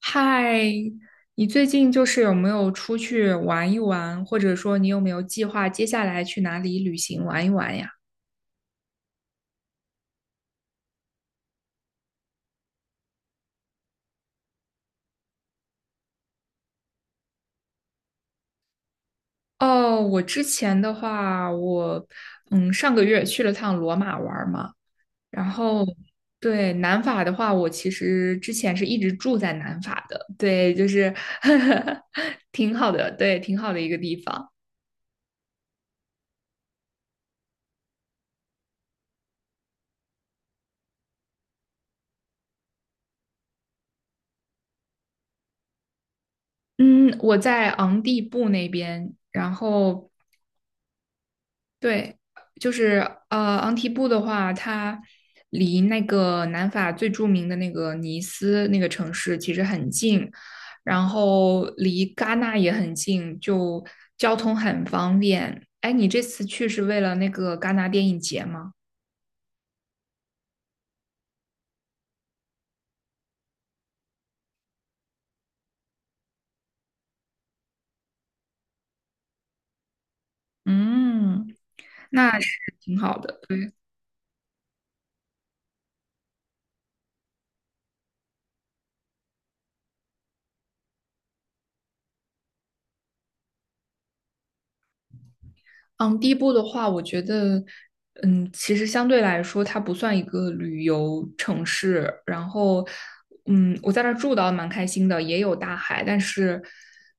嗨，你最近有没有出去玩一玩，或者说你有没有计划接下来去哪里旅行玩一玩呀？哦，我之前的话，我上个月去了趟罗马玩儿嘛，然后对南法的话，我其实之前是一直住在南法的，对，挺好的，对，挺好的一个地方。嗯，我在昂蒂布那边，然后对，就是昂提布的话，它离那个南法最著名的那个尼斯那个城市其实很近，然后离戛纳也很近，就交通很方便。哎，你这次去是为了那个戛纳电影节吗？嗯，那是挺好的。嗯，第一步的话，我觉得，嗯，其实相对来说，它不算一个旅游城市。然后，嗯，我在那儿住的蛮开心的，也有大海，但是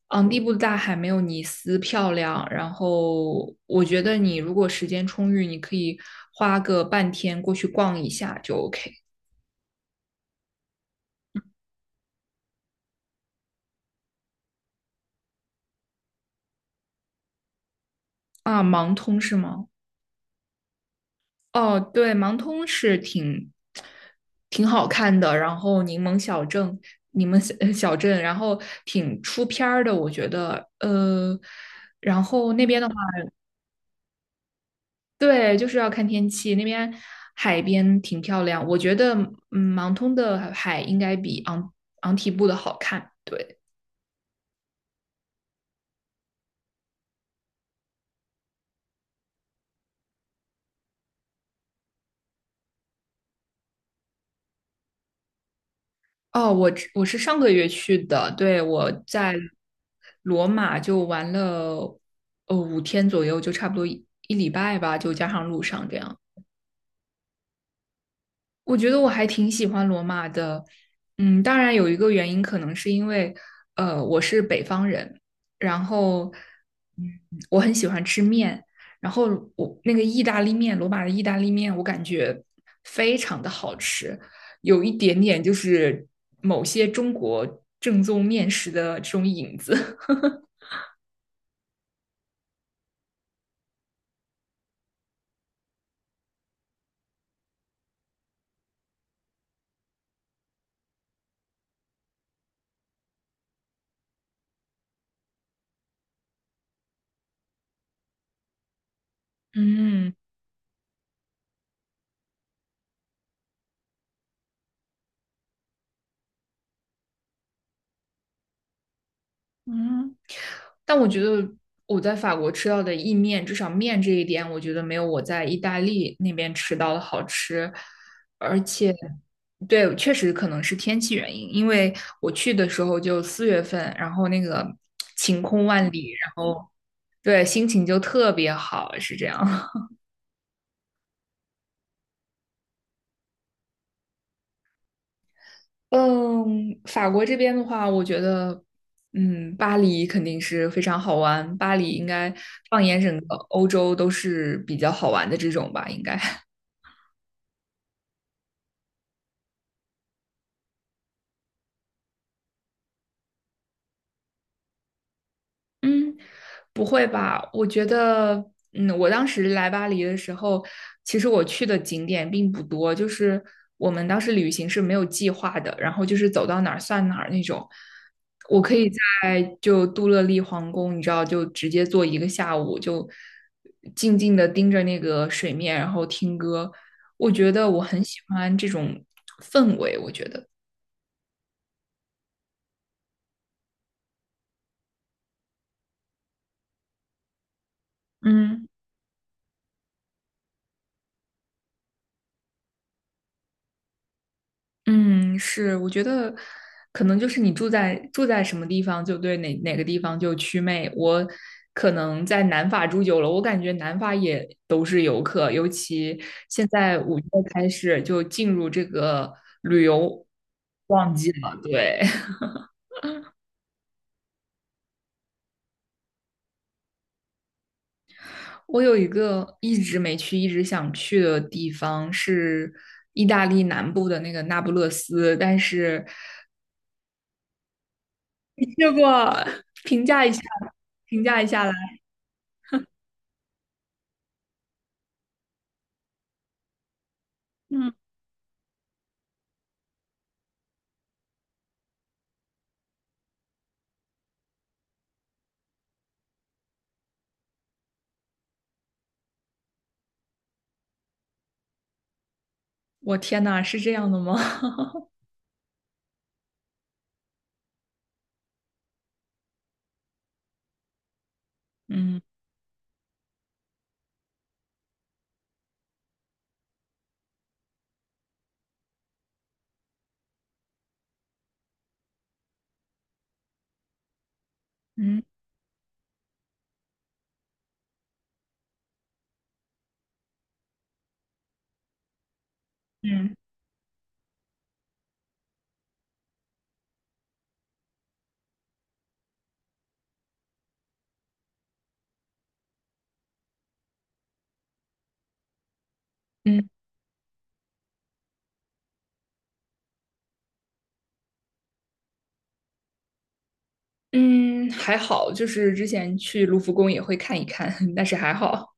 昂蒂布的大海没有尼斯漂亮。然后，我觉得你如果时间充裕，你可以花个半天过去逛一下就 OK。啊，盲通是吗？哦，对，盲通是挺好看的，然后柠檬小镇，柠檬小镇，然后挺出片儿的，我觉得，然后那边的话，对，就是要看天气，那边海边挺漂亮，我觉得，嗯，盲通的海应该比昂提布的好看，对。哦，我是上个月去的，对，我在罗马就玩了五天左右，就差不多一礼拜吧，就加上路上这样。我觉得我还挺喜欢罗马的，嗯，当然有一个原因可能是因为我是北方人，然后，嗯，我很喜欢吃面，然后我那个意大利面，罗马的意大利面，我感觉非常的好吃，有一点点就是某些中国正宗面食的这种影子。嗯。嗯，但我觉得我在法国吃到的意面，至少面这一点，我觉得没有我在意大利那边吃到的好吃。而且，对，确实可能是天气原因，因为我去的时候就四月份，然后那个晴空万里，然后对，心情就特别好，是这样。嗯，法国这边的话，我觉得，嗯，巴黎肯定是非常好玩，巴黎应该放眼整个欧洲都是比较好玩的这种吧，应该。嗯，不会吧？我觉得，嗯，我当时来巴黎的时候，其实我去的景点并不多，就是我们当时旅行是没有计划的，然后就是走到哪儿算哪儿那种。我可以在就杜乐丽皇宫，你知道，就直接坐一个下午，就静静的盯着那个水面，然后听歌。我觉得我很喜欢这种氛围，我觉得，嗯。嗯，是，我觉得可能就是你住在什么地方，就对哪个地方就祛魅。我可能在南法住久了，我感觉南法也都是游客，尤其现在5月开始就进入这个旅游旺季了。对。我有一个一直没去、一直想去的地方是意大利南部的那个那不勒斯，但是 去过，评价一下，评价一下来。嗯。我天呐，是这样的吗？嗯。嗯，嗯嗯嗯，还好，就是之前去卢浮宫也会看一看，但是还好。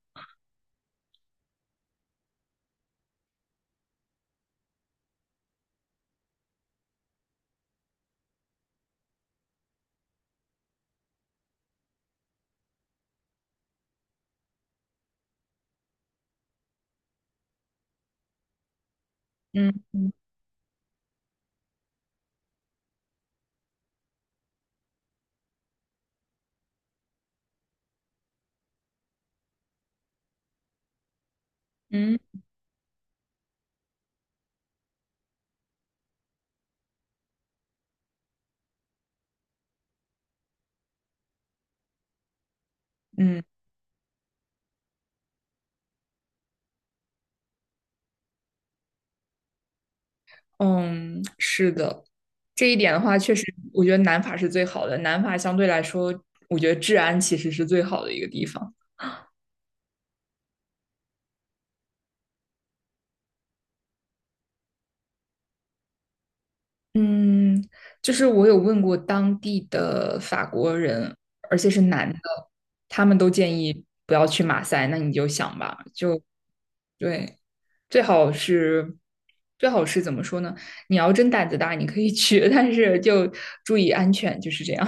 嗯嗯嗯嗯。嗯，是的，这一点的话，确实，我觉得南法是最好的。南法相对来说，我觉得治安其实是最好的一个地方。嗯，就是我有问过当地的法国人，而且是男的，他们都建议不要去马赛。那你就想吧，对。最好是最好是怎么说呢？你要真胆子大，你可以 去，但是就注意安全，就是这样。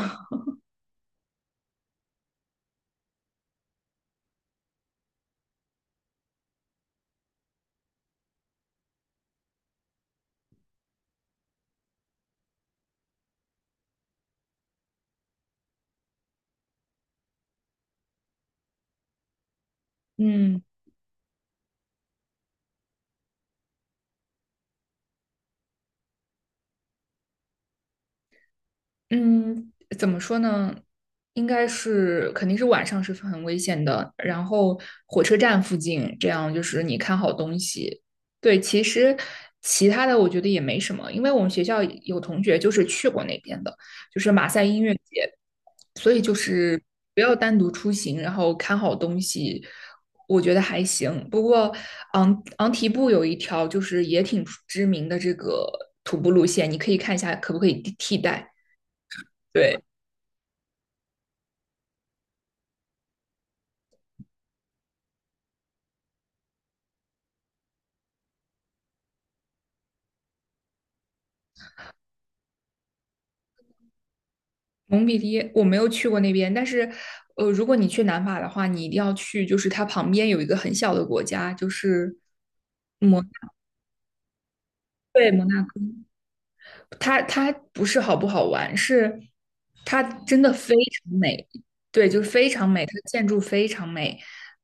嗯。嗯，怎么说呢？应该是肯定是晚上是很危险的。然后火车站附近，这样就是你看好东西。对，其实其他的我觉得也没什么，因为我们学校有同学就是去过那边的，就是马赛音乐节，所以就是不要单独出行，然后看好东西，我觉得还行。不过昂提布有一条就是也挺知名的这个徒步路线，你可以看一下可不可以替代。对，蒙彼利我没有去过那边，但是，呃，如果你去南法的话，你一定要去，就是它旁边有一个很小的国家，就是摩，对，摩纳哥，它不是好不好玩，是它真的非常美，对，就是非常美，它的建筑非常美。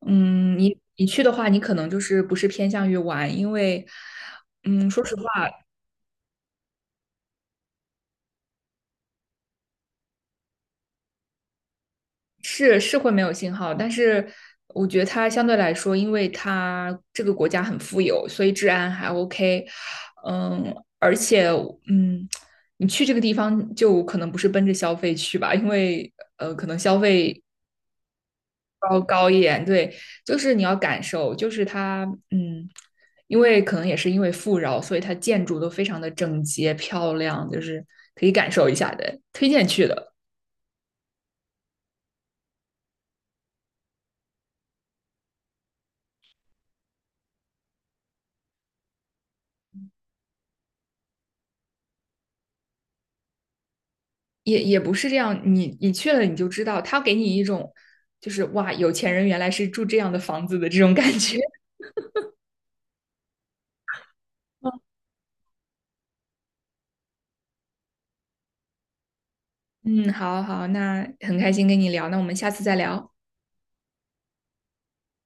嗯，你去的话，你可能就是不是偏向于玩，因为，嗯，说实话。是是会没有信号，但是我觉得它相对来说，因为它这个国家很富有，所以治安还 OK。嗯，而且嗯，你去这个地方就可能不是奔着消费去吧，因为呃，可能消费高一点。对，就是你要感受，就是它嗯，因为可能也是因为富饶，所以它建筑都非常的整洁漂亮，就是可以感受一下的，推荐去的。也不是这样，你去了你就知道，他给你一种就是哇，有钱人原来是住这样的房子的这种感觉。嗯，好好，那很开心跟你聊，那我们下次再聊，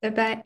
拜拜。